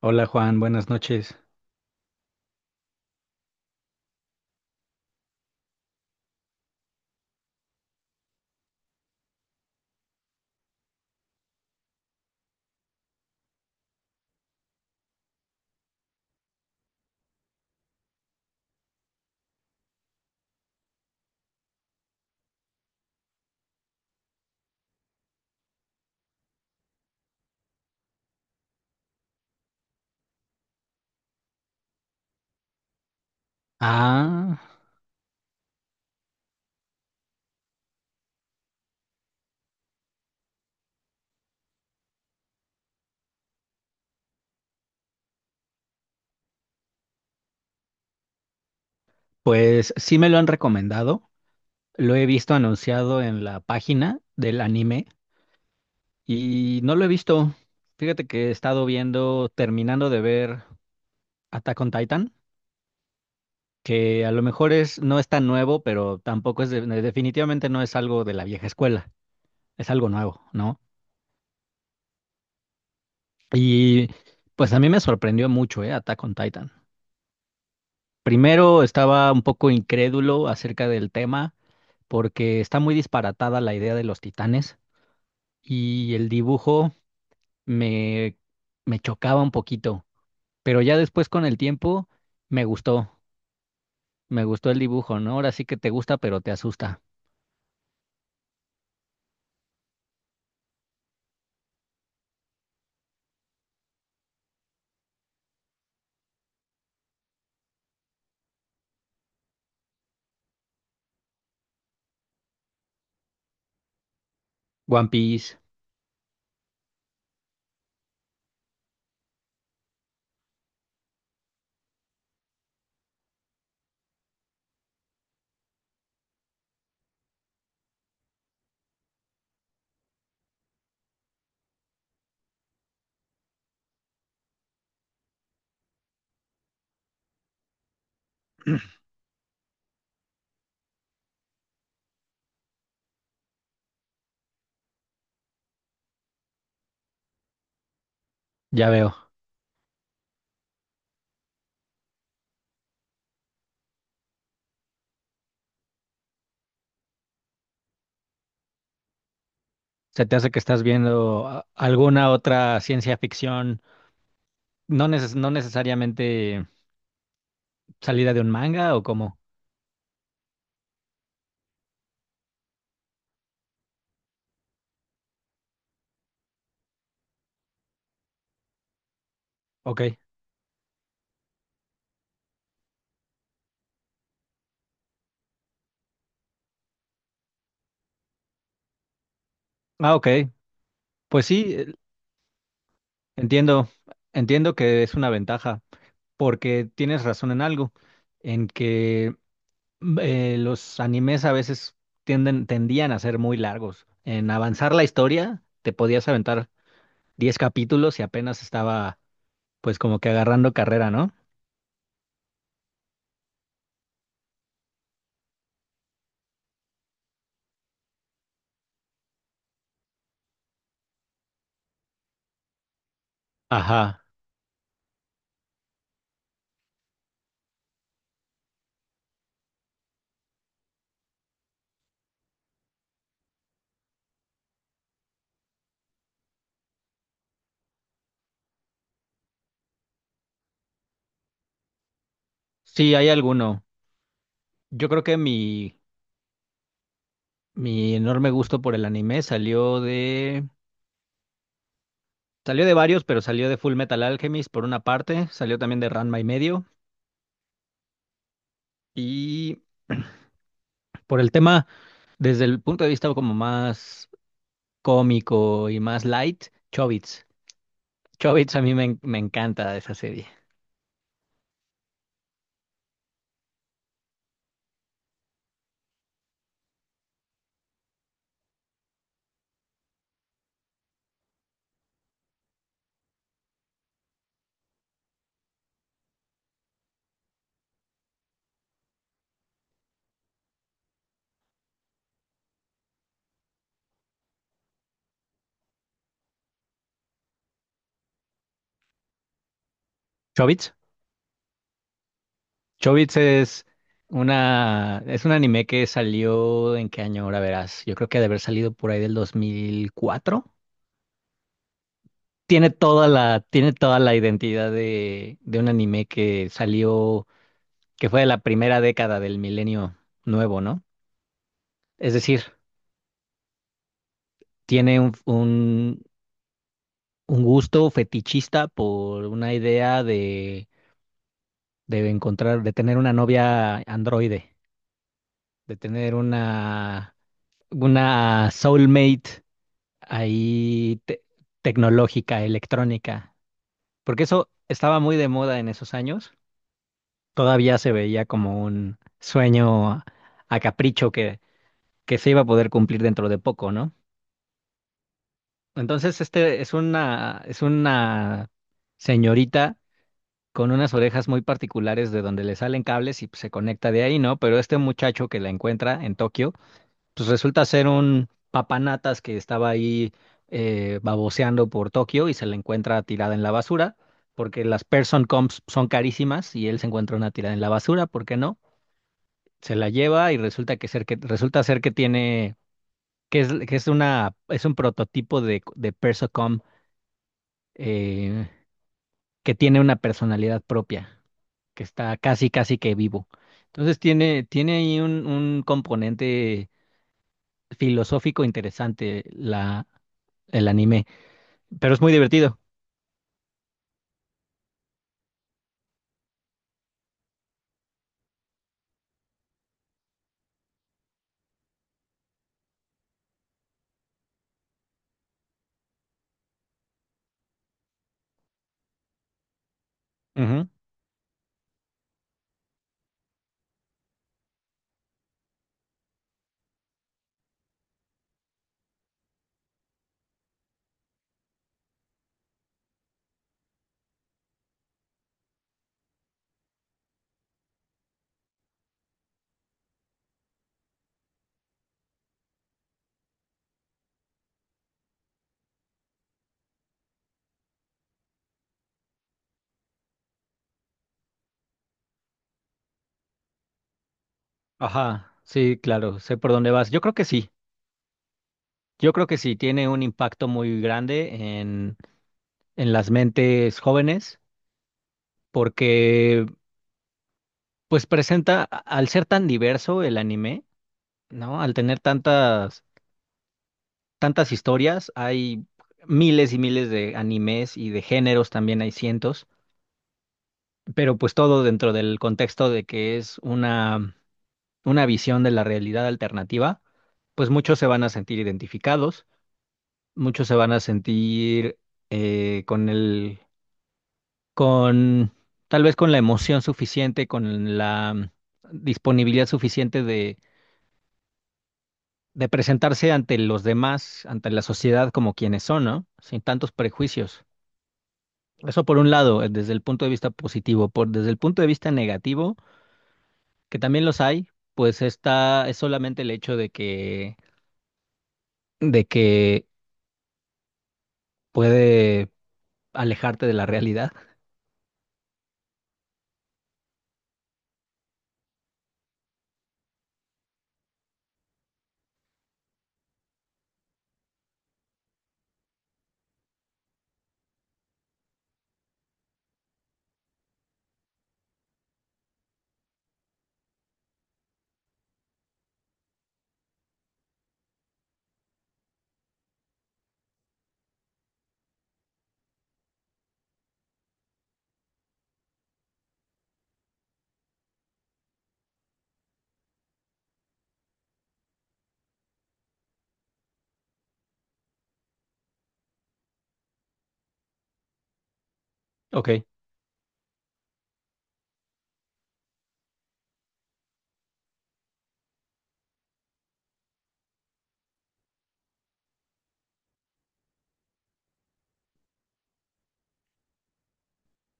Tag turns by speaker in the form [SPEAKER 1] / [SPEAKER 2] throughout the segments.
[SPEAKER 1] Hola Juan, buenas noches. Ah, pues sí me lo han recomendado. Lo he visto anunciado en la página del anime y no lo he visto. Fíjate que he estado viendo, terminando de ver Attack on Titan, que a lo mejor es, no es tan nuevo, pero tampoco es, definitivamente no es algo de la vieja escuela, es algo nuevo, ¿no? Y pues a mí me sorprendió mucho, Attack on Titan. Primero estaba un poco incrédulo acerca del tema porque está muy disparatada la idea de los titanes y el dibujo me, me chocaba un poquito, pero ya después con el tiempo me gustó, me gustó el dibujo, ¿no? Ahora sí que te gusta, pero te asusta. One Piece, ya veo. Se te hace que estás viendo alguna otra ciencia ficción, no necesariamente salida de un manga o cómo. Ok. Ah, ok. Pues sí, entiendo, entiendo que es una ventaja, porque tienes razón en algo, en que los animes a veces tendían a ser muy largos. En avanzar la historia, te podías aventar 10 capítulos y apenas estaba pues como que agarrando carrera, ¿no? Ajá. Sí, hay alguno. Yo creo que mi enorme gusto por el anime salió de... Salió de varios, pero salió de Full Metal Alchemist por una parte, salió también de Ranma y medio, y por el tema, desde el punto de vista como más cómico y más light, Chobits. Chobits a mí me encanta esa serie. ¿Chobits? Chobits es es un anime que salió en qué año, ahora verás. Yo creo que ha de haber salido por ahí del 2004. Tiene toda tiene toda la identidad de un anime que salió, que fue de la primera década del milenio nuevo, ¿no? Es decir, tiene un gusto fetichista por una idea de encontrar, de tener una novia androide, de tener una soulmate ahí tecnológica, electrónica, porque eso estaba muy de moda en esos años, todavía se veía como un sueño a capricho que se iba a poder cumplir dentro de poco, ¿no? Entonces, este es es una señorita con unas orejas muy particulares de donde le salen cables y pues, se conecta de ahí, ¿no? Pero este muchacho que la encuentra en Tokio, pues resulta ser un papanatas que estaba ahí baboseando por Tokio y se la encuentra tirada en la basura, porque las person comps son carísimas y él se encuentra una tirada en la basura, ¿por qué no? Se la lleva y resulta ser que tiene que es una es un prototipo de persocom eh, que tiene una personalidad propia, que está casi casi que vivo. Entonces tiene ahí un componente filosófico interesante la el anime. Pero es muy divertido. Ujú. Ajá, sí, claro, sé por dónde vas. Yo creo que sí, yo creo que sí, tiene un impacto muy grande en las mentes jóvenes, porque pues presenta, al ser tan diverso el anime, ¿no? Al tener tantas, tantas historias, hay miles y miles de animes y de géneros también hay cientos, pero pues todo dentro del contexto de que es una visión de la realidad alternativa, pues muchos se van a sentir identificados, muchos se van a sentir con con, tal vez con la emoción suficiente, con la disponibilidad suficiente de presentarse ante los demás, ante la sociedad como quienes son, ¿no? Sin tantos prejuicios. Eso por un lado, desde el punto de vista positivo, por, desde el punto de vista negativo, que también los hay, pues está, es solamente el hecho de que puede alejarte de la realidad. Ok.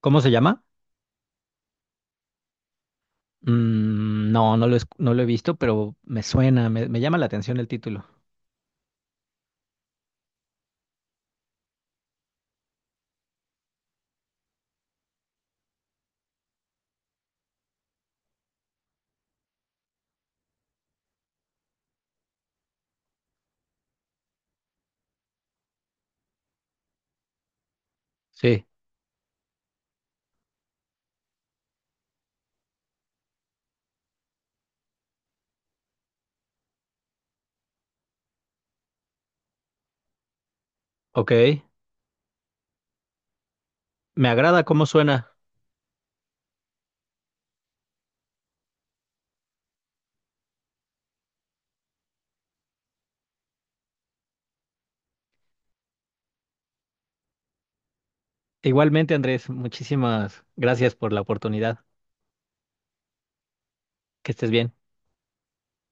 [SPEAKER 1] ¿Cómo se llama? No, no lo he visto, pero me suena, me llama la atención el título. Sí, ok. Me agrada cómo suena. Igualmente, Andrés, muchísimas gracias por la oportunidad. Que estés bien.